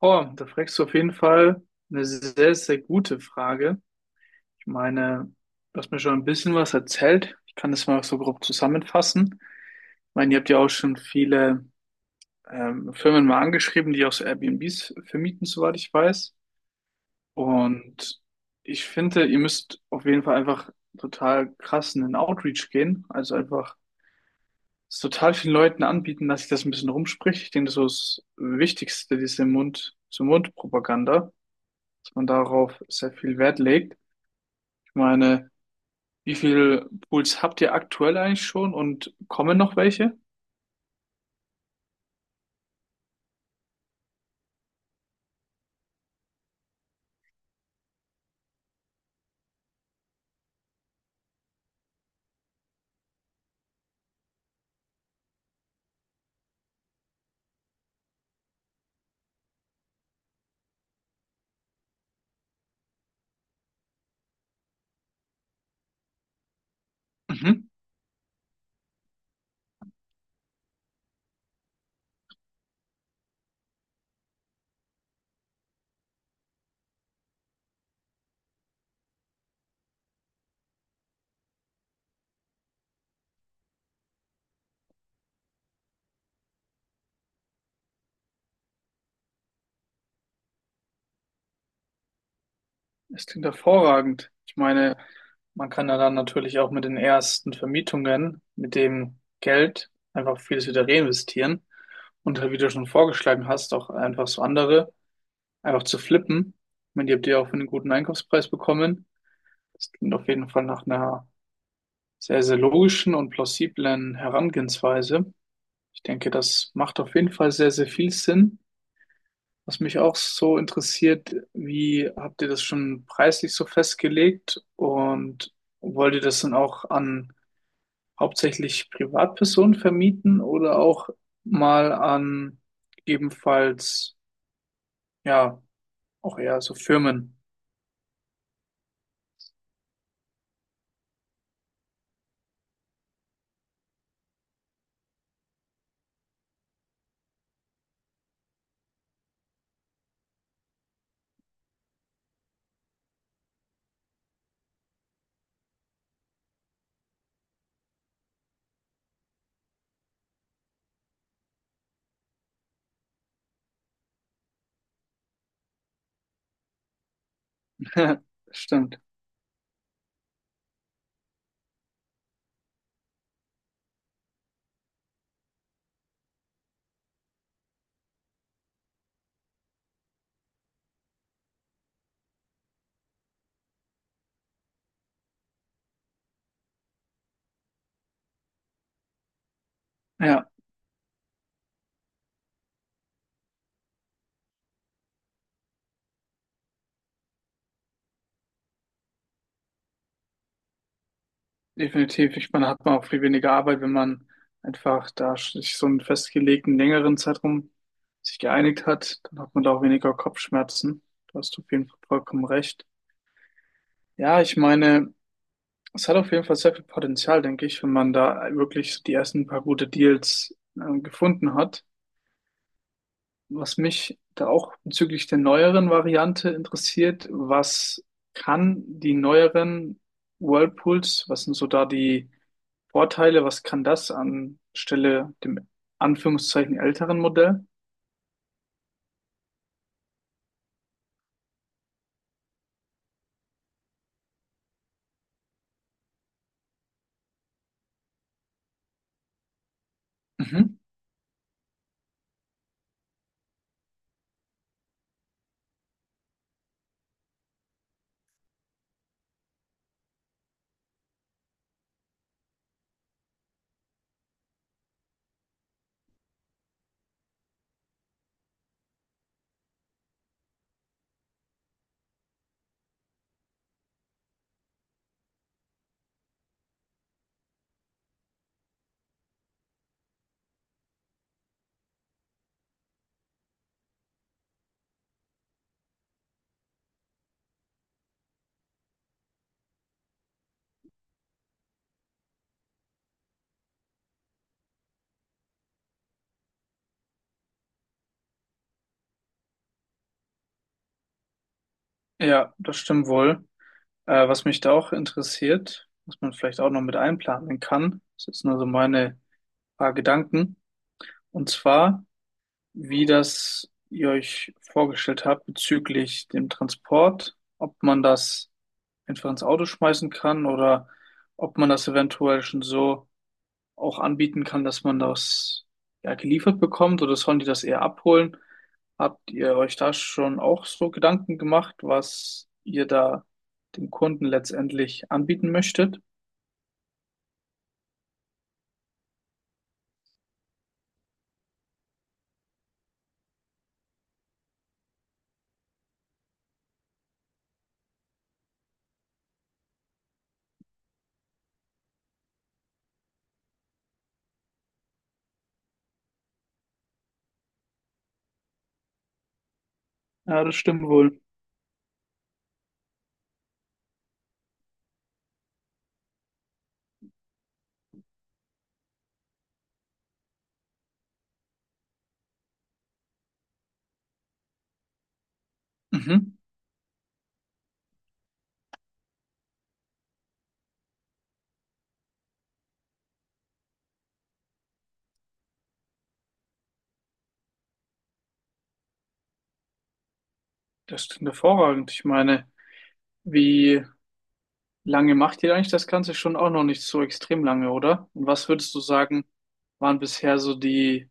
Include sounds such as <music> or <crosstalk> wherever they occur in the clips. Oh, da fragst du auf jeden Fall eine sehr, sehr gute Frage. Ich meine, du hast mir schon ein bisschen was erzählt. Ich kann das mal so grob zusammenfassen. Ich meine, ihr habt ja auch schon viele Firmen mal angeschrieben, die auch so Airbnbs vermieten, soweit ich weiß. Und ich finde, ihr müsst auf jeden Fall einfach total krass in den Outreach gehen. Also einfach es total vielen Leuten anbieten, dass sich das ein bisschen rumspricht. Ich denke, das ist so das Wichtigste, diese Mund-zu-Mund-Propaganda, dass man darauf sehr viel Wert legt. Ich meine, wie viele Pools habt ihr aktuell eigentlich schon und kommen noch welche? Mhm. Das klingt hervorragend. Ich meine, man kann ja dann natürlich auch mit den ersten Vermietungen, mit dem Geld einfach vieles wieder reinvestieren und halt, wie du schon vorgeschlagen hast, auch einfach so andere einfach zu flippen. Ich meine, die habt ihr auch für einen guten Einkaufspreis bekommen. Das klingt auf jeden Fall nach einer sehr, sehr logischen und plausiblen Herangehensweise. Ich denke, das macht auf jeden Fall sehr, sehr viel Sinn. Was mich auch so interessiert, wie habt ihr das schon preislich so festgelegt und wollt ihr das dann auch an hauptsächlich Privatpersonen vermieten oder auch mal an ebenfalls, ja, auch eher so Firmen? <laughs> Stimmt. Ja. Definitiv. Ich meine, hat man auch viel weniger Arbeit, wenn man einfach da sich so einen festgelegten längeren Zeitraum sich geeinigt hat, dann hat man da auch weniger Kopfschmerzen. Da hast du auf jeden Fall vollkommen recht. Ja, ich meine, es hat auf jeden Fall sehr viel Potenzial, denke ich, wenn man da wirklich die ersten paar gute Deals gefunden hat. Was mich da auch bezüglich der neueren Variante interessiert, was kann die neueren Whirlpools, was sind so da die Vorteile, was kann das anstelle dem Anführungszeichen älteren Modell? Mhm. Ja, das stimmt wohl. Was mich da auch interessiert, was man vielleicht auch noch mit einplanen kann, das ist jetzt nur so meine paar Gedanken. Und zwar, wie das ihr euch vorgestellt habt bezüglich dem Transport, ob man das einfach ins Auto schmeißen kann oder ob man das eventuell schon so auch anbieten kann, dass man das ja geliefert bekommt oder sollen die das eher abholen? Habt ihr euch da schon auch so Gedanken gemacht, was ihr da dem Kunden letztendlich anbieten möchtet? Ja, das stimmt wohl. Mhm. Das klingt hervorragend. Ich meine, wie lange macht ihr eigentlich das Ganze schon, auch noch nicht so extrem lange, oder? Und was würdest du sagen, waren bisher so die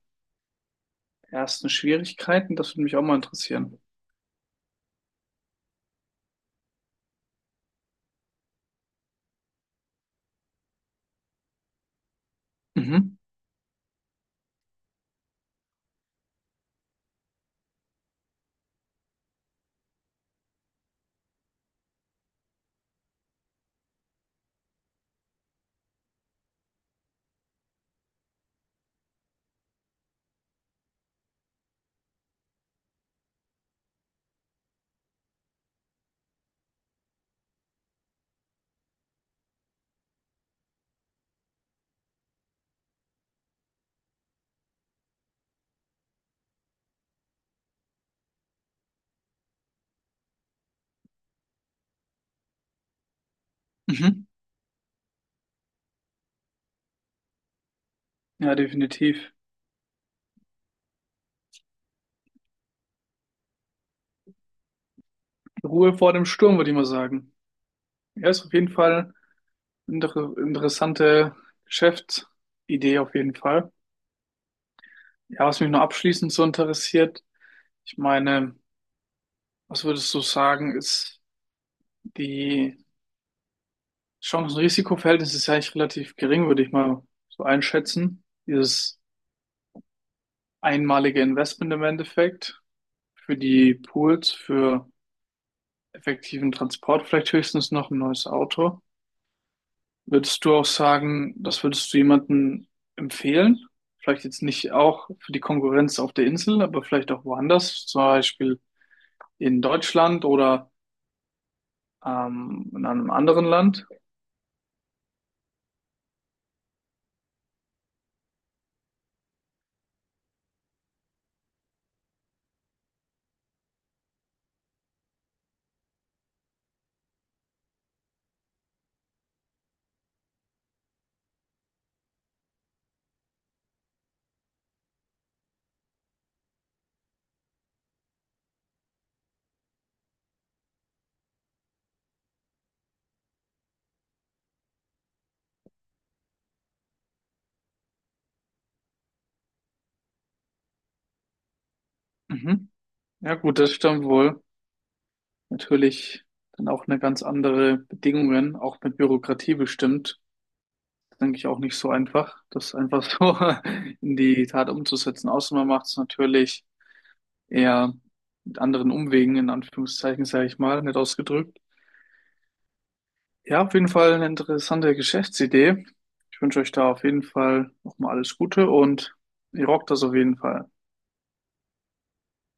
ersten Schwierigkeiten? Das würde mich auch mal interessieren. Mhm. Mhm. Ja, definitiv. Ruhe vor dem Sturm, würde ich mal sagen. Ja, ist auf jeden Fall eine interessante Geschäftsidee auf jeden Fall. Ja, was mich noch abschließend so interessiert, ich meine, was würdest du sagen, ist die Chancen-Risiko-Verhältnis ist ja eigentlich relativ gering, würde ich mal so einschätzen. Dieses einmalige Investment im Endeffekt für die Pools, für effektiven Transport, vielleicht höchstens noch ein neues Auto. Würdest du auch sagen, das würdest du jemandem empfehlen? Vielleicht jetzt nicht auch für die Konkurrenz auf der Insel, aber vielleicht auch woanders, zum Beispiel in Deutschland oder in einem anderen Land. Mhm. Ja gut, das stimmt wohl. Natürlich dann auch eine ganz andere Bedingungen, auch mit Bürokratie bestimmt. Denke ich auch nicht so einfach, das einfach so <laughs> in die Tat umzusetzen. Außer man macht es natürlich eher mit anderen Umwegen, in Anführungszeichen, sage ich mal, nett ausgedrückt. Ja, auf jeden Fall eine interessante Geschäftsidee. Ich wünsche euch da auf jeden Fall nochmal alles Gute und ihr rockt das auf jeden Fall.